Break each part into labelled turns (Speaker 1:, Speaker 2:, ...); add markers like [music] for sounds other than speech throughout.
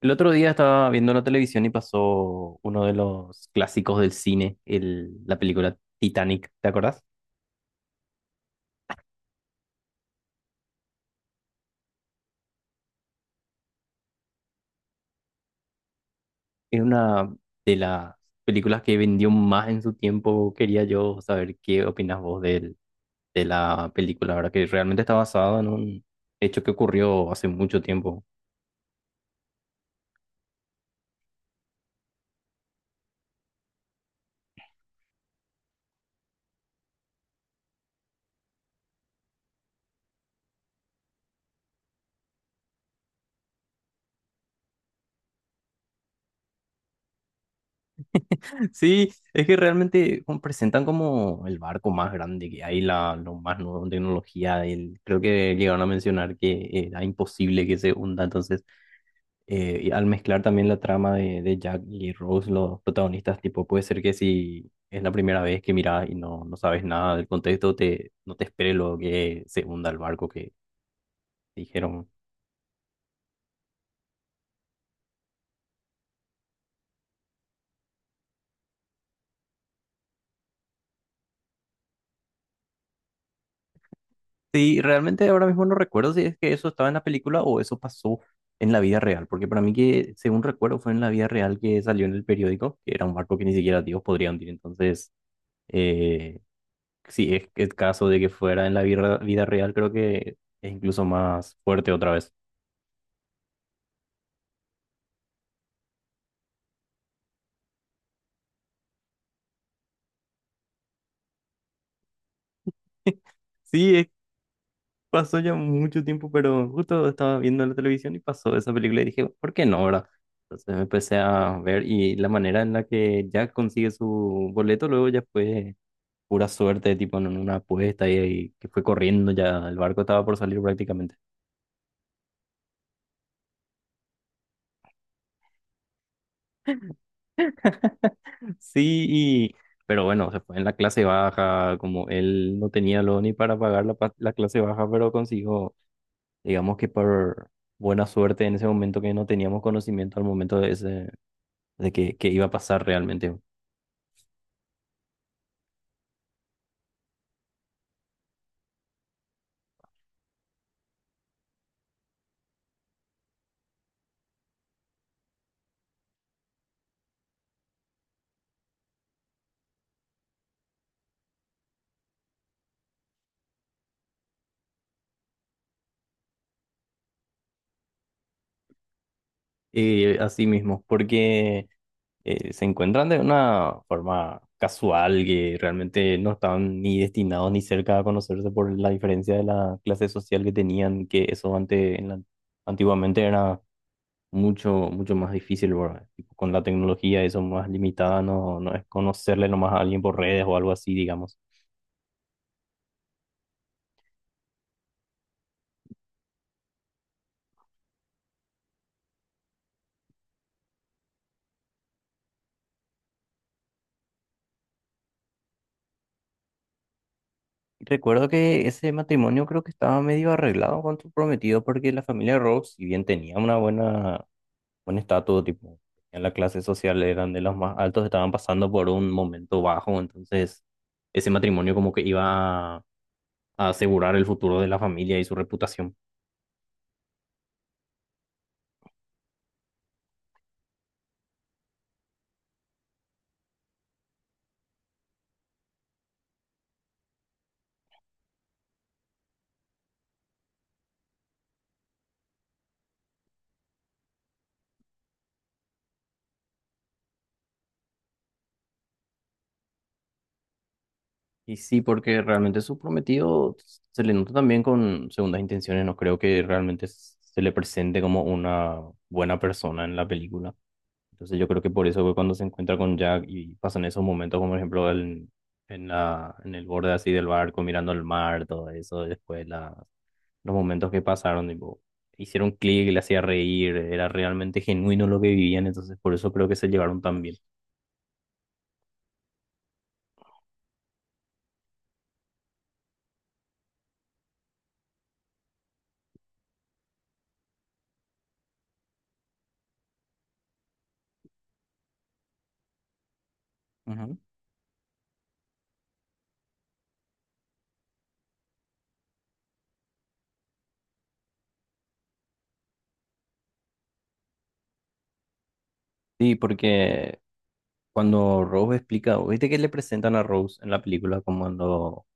Speaker 1: El otro día estaba viendo la televisión y pasó uno de los clásicos del cine, la película Titanic, ¿te acordás? Es una de las películas que vendió más en su tiempo. Quería yo saber qué opinas vos de la película, ¿verdad? Que realmente está basada en un hecho que ocurrió hace mucho tiempo. [laughs] Sí, es que realmente como presentan como el barco más grande que hay, lo más nuevo en tecnología. Creo que llegaron a mencionar que era imposible que se hunda, entonces... Y al mezclar también la trama de Jack y Rose, los protagonistas, tipo, puede ser que si es la primera vez que miras y no sabes nada del contexto, no te espere lo que se hunda el barco que dijeron. Sí, realmente ahora mismo no recuerdo si es que eso estaba en la película o eso pasó en la vida real, porque para mí que, según recuerdo, fue en la vida real que salió en el periódico, que era un barco que ni siquiera Dios podría hundir. Entonces, eh, si es el caso de que fuera en la vida vida real, creo que es incluso más fuerte otra vez. [laughs] Sí, es- Pasó ya mucho tiempo, pero justo estaba viendo la televisión y pasó esa película y dije, ¿por qué no, verdad? Entonces me empecé a ver, y la manera en la que Jack consigue su boleto luego ya fue pura suerte, tipo en una apuesta y que fue corriendo ya, el barco estaba por salir prácticamente. Sí, y, pero bueno, se fue en la clase baja, como él no tenía lo ni para pagar la clase baja, pero consiguió, digamos que por buena suerte en ese momento que no teníamos conocimiento al momento de que iba a pasar realmente. Así mismo, porque se encuentran de una forma casual que realmente no estaban ni destinados ni cerca a conocerse por la diferencia de la clase social que tenían, que eso antes, antiguamente era mucho, mucho más difícil, ¿verdad? Tipo, con la tecnología eso más limitada, no es conocerle nomás a alguien por redes o algo así, digamos. Recuerdo que ese matrimonio creo que estaba medio arreglado con su prometido porque la familia Rhodes, si bien tenía una buena... Bueno, estaba todo tipo. En la clase social eran de los más altos, estaban pasando por un momento bajo, entonces ese matrimonio como que iba a asegurar el futuro de la familia y su reputación. Y sí, porque realmente su prometido se le nota también con segundas intenciones, no creo que realmente se le presente como una buena persona en la película. Entonces yo creo que por eso que cuando se encuentra con Jack y pasan esos momentos, como por ejemplo en en el borde así del barco mirando el mar, todo eso, después la los momentos que pasaron, tipo, hicieron clic, le hacía reír, era realmente genuino lo que vivían, entonces por eso creo que se llevaron tan bien. Ujú. Sí, porque cuando Rose explica, viste que le presentan a Rose en la película como cuando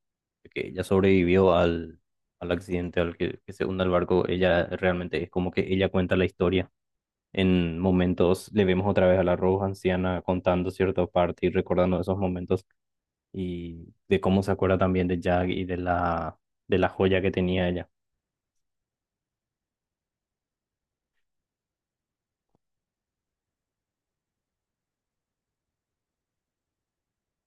Speaker 1: que ella sobrevivió al accidente, que se hunda el barco, ella realmente es como que ella cuenta la historia. En momentos le vemos otra vez a la Rose anciana contando cierta parte y recordando esos momentos, y de cómo se acuerda también de Jack y de la joya que tenía ella.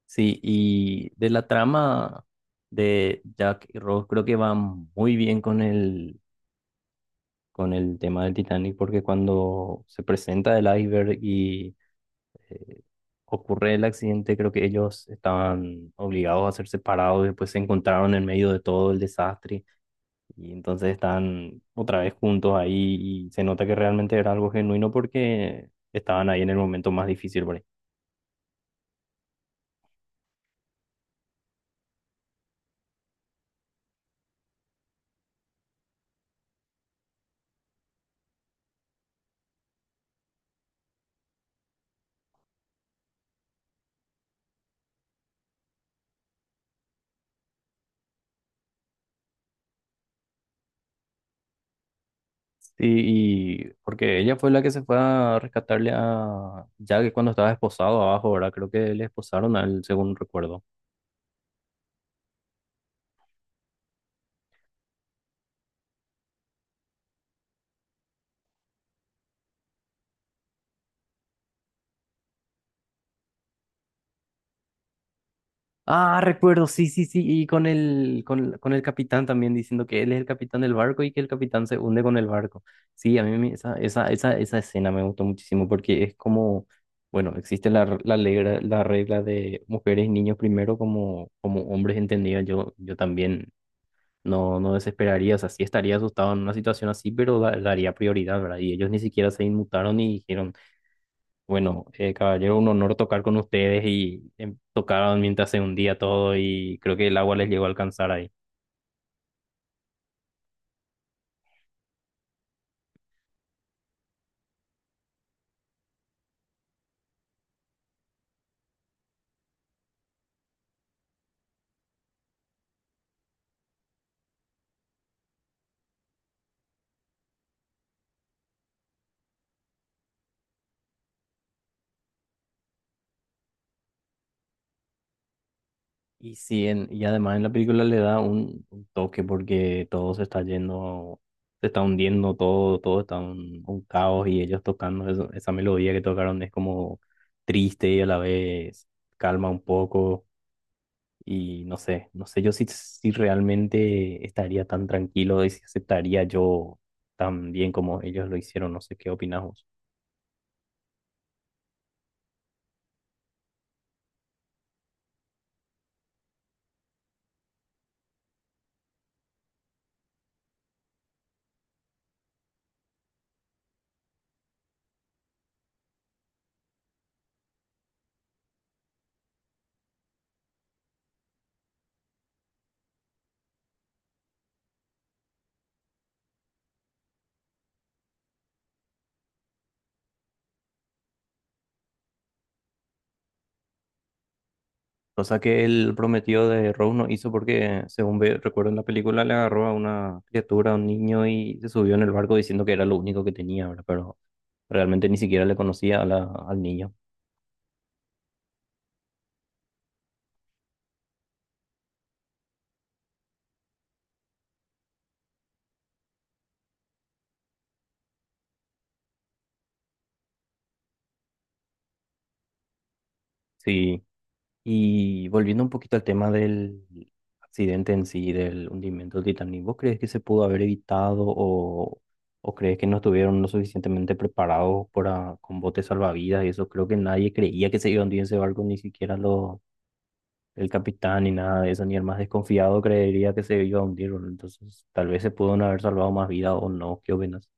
Speaker 1: Sí, y de la trama de Jack y Rose creo que va muy bien con con el tema del Titanic porque cuando se presenta el iceberg y eh, ocurre el accidente, creo que ellos estaban obligados a ser separados, después se encontraron en medio de todo el desastre. Y entonces están otra vez juntos ahí y se nota que realmente era algo genuino porque estaban ahí en el momento más difícil por ahí. Sí, y porque ella fue la que se fue a rescatarle a Jack cuando estaba esposado abajo, ¿verdad? Creo que le esposaron a él, según recuerdo. Ah, recuerdo, sí, sí, sí, y con el capitán también diciendo que él es el capitán del barco y que el capitán se hunde con el barco. Sí, esa escena me gustó muchísimo porque es como, bueno, existe regla, la regla de mujeres y niños primero como, como hombres entendidos. Yo también no desesperaría, o sea, sí estaría asustado en una situación así, pero daría prioridad, ¿verdad? Y ellos ni siquiera se inmutaron y dijeron... Bueno, caballero, un honor tocar con ustedes, y tocaron mientras se hundía todo y creo que el agua les llegó a alcanzar ahí. Y sí, y además en la película le da un toque porque todo se está yendo, se está hundiendo todo, todo está un caos y ellos tocando esa melodía que tocaron es como triste y a la vez calma un poco, y no sé, no sé yo si realmente estaría tan tranquilo y si aceptaría yo tan bien como ellos lo hicieron, no sé qué opinas vos. Cosa que el prometido de Rose no hizo porque, según recuerdo en la película, le agarró a una criatura, a un niño, y se subió en el barco diciendo que era lo único que tenía, ¿verdad? Pero realmente ni siquiera le conocía a al niño. Sí. Y volviendo un poquito al tema del accidente en sí, del hundimiento del Titanic, ¿vos crees que se pudo haber evitado o crees que no estuvieron lo suficientemente preparados para, con botes salvavidas y eso? Creo que nadie creía que se iba a hundir ese barco, ni siquiera los el capitán ni nada de eso, ni el más desconfiado creería que se iba a hundir, boludo. Entonces, tal vez se pudo no haber salvado más vida o no, ¿qué opinas?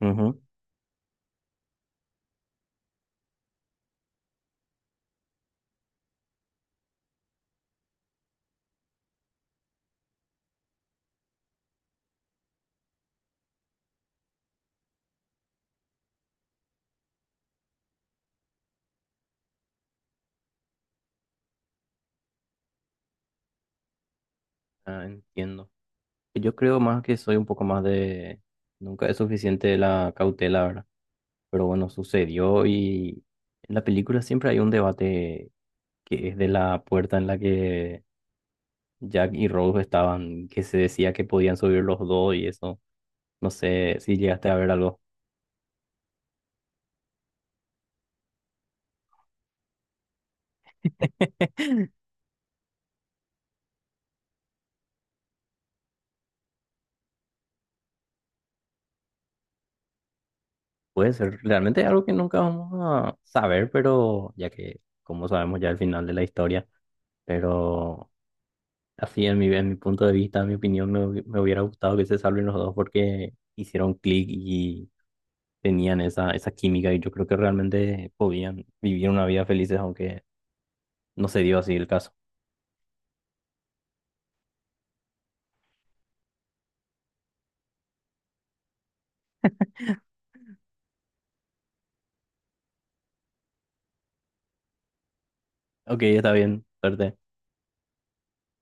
Speaker 1: Ujú. Ah, entiendo. Yo creo más que soy un poco más de... Nunca es suficiente la cautela, ¿verdad? Pero bueno, sucedió, y en la película siempre hay un debate que es de la puerta en la que Jack y Rose estaban, que se decía que podían subir los dos y eso. No sé si llegaste a ver algo. [laughs] Puede ser realmente algo que nunca vamos a saber, pero ya que, como sabemos ya el final de la historia, pero así en en mi punto de vista, en mi opinión, me hubiera gustado que se salven los dos porque hicieron clic y tenían esa química, y yo creo que realmente podían vivir una vida felices, aunque no se dio así el caso. Ok, está bien, suerte.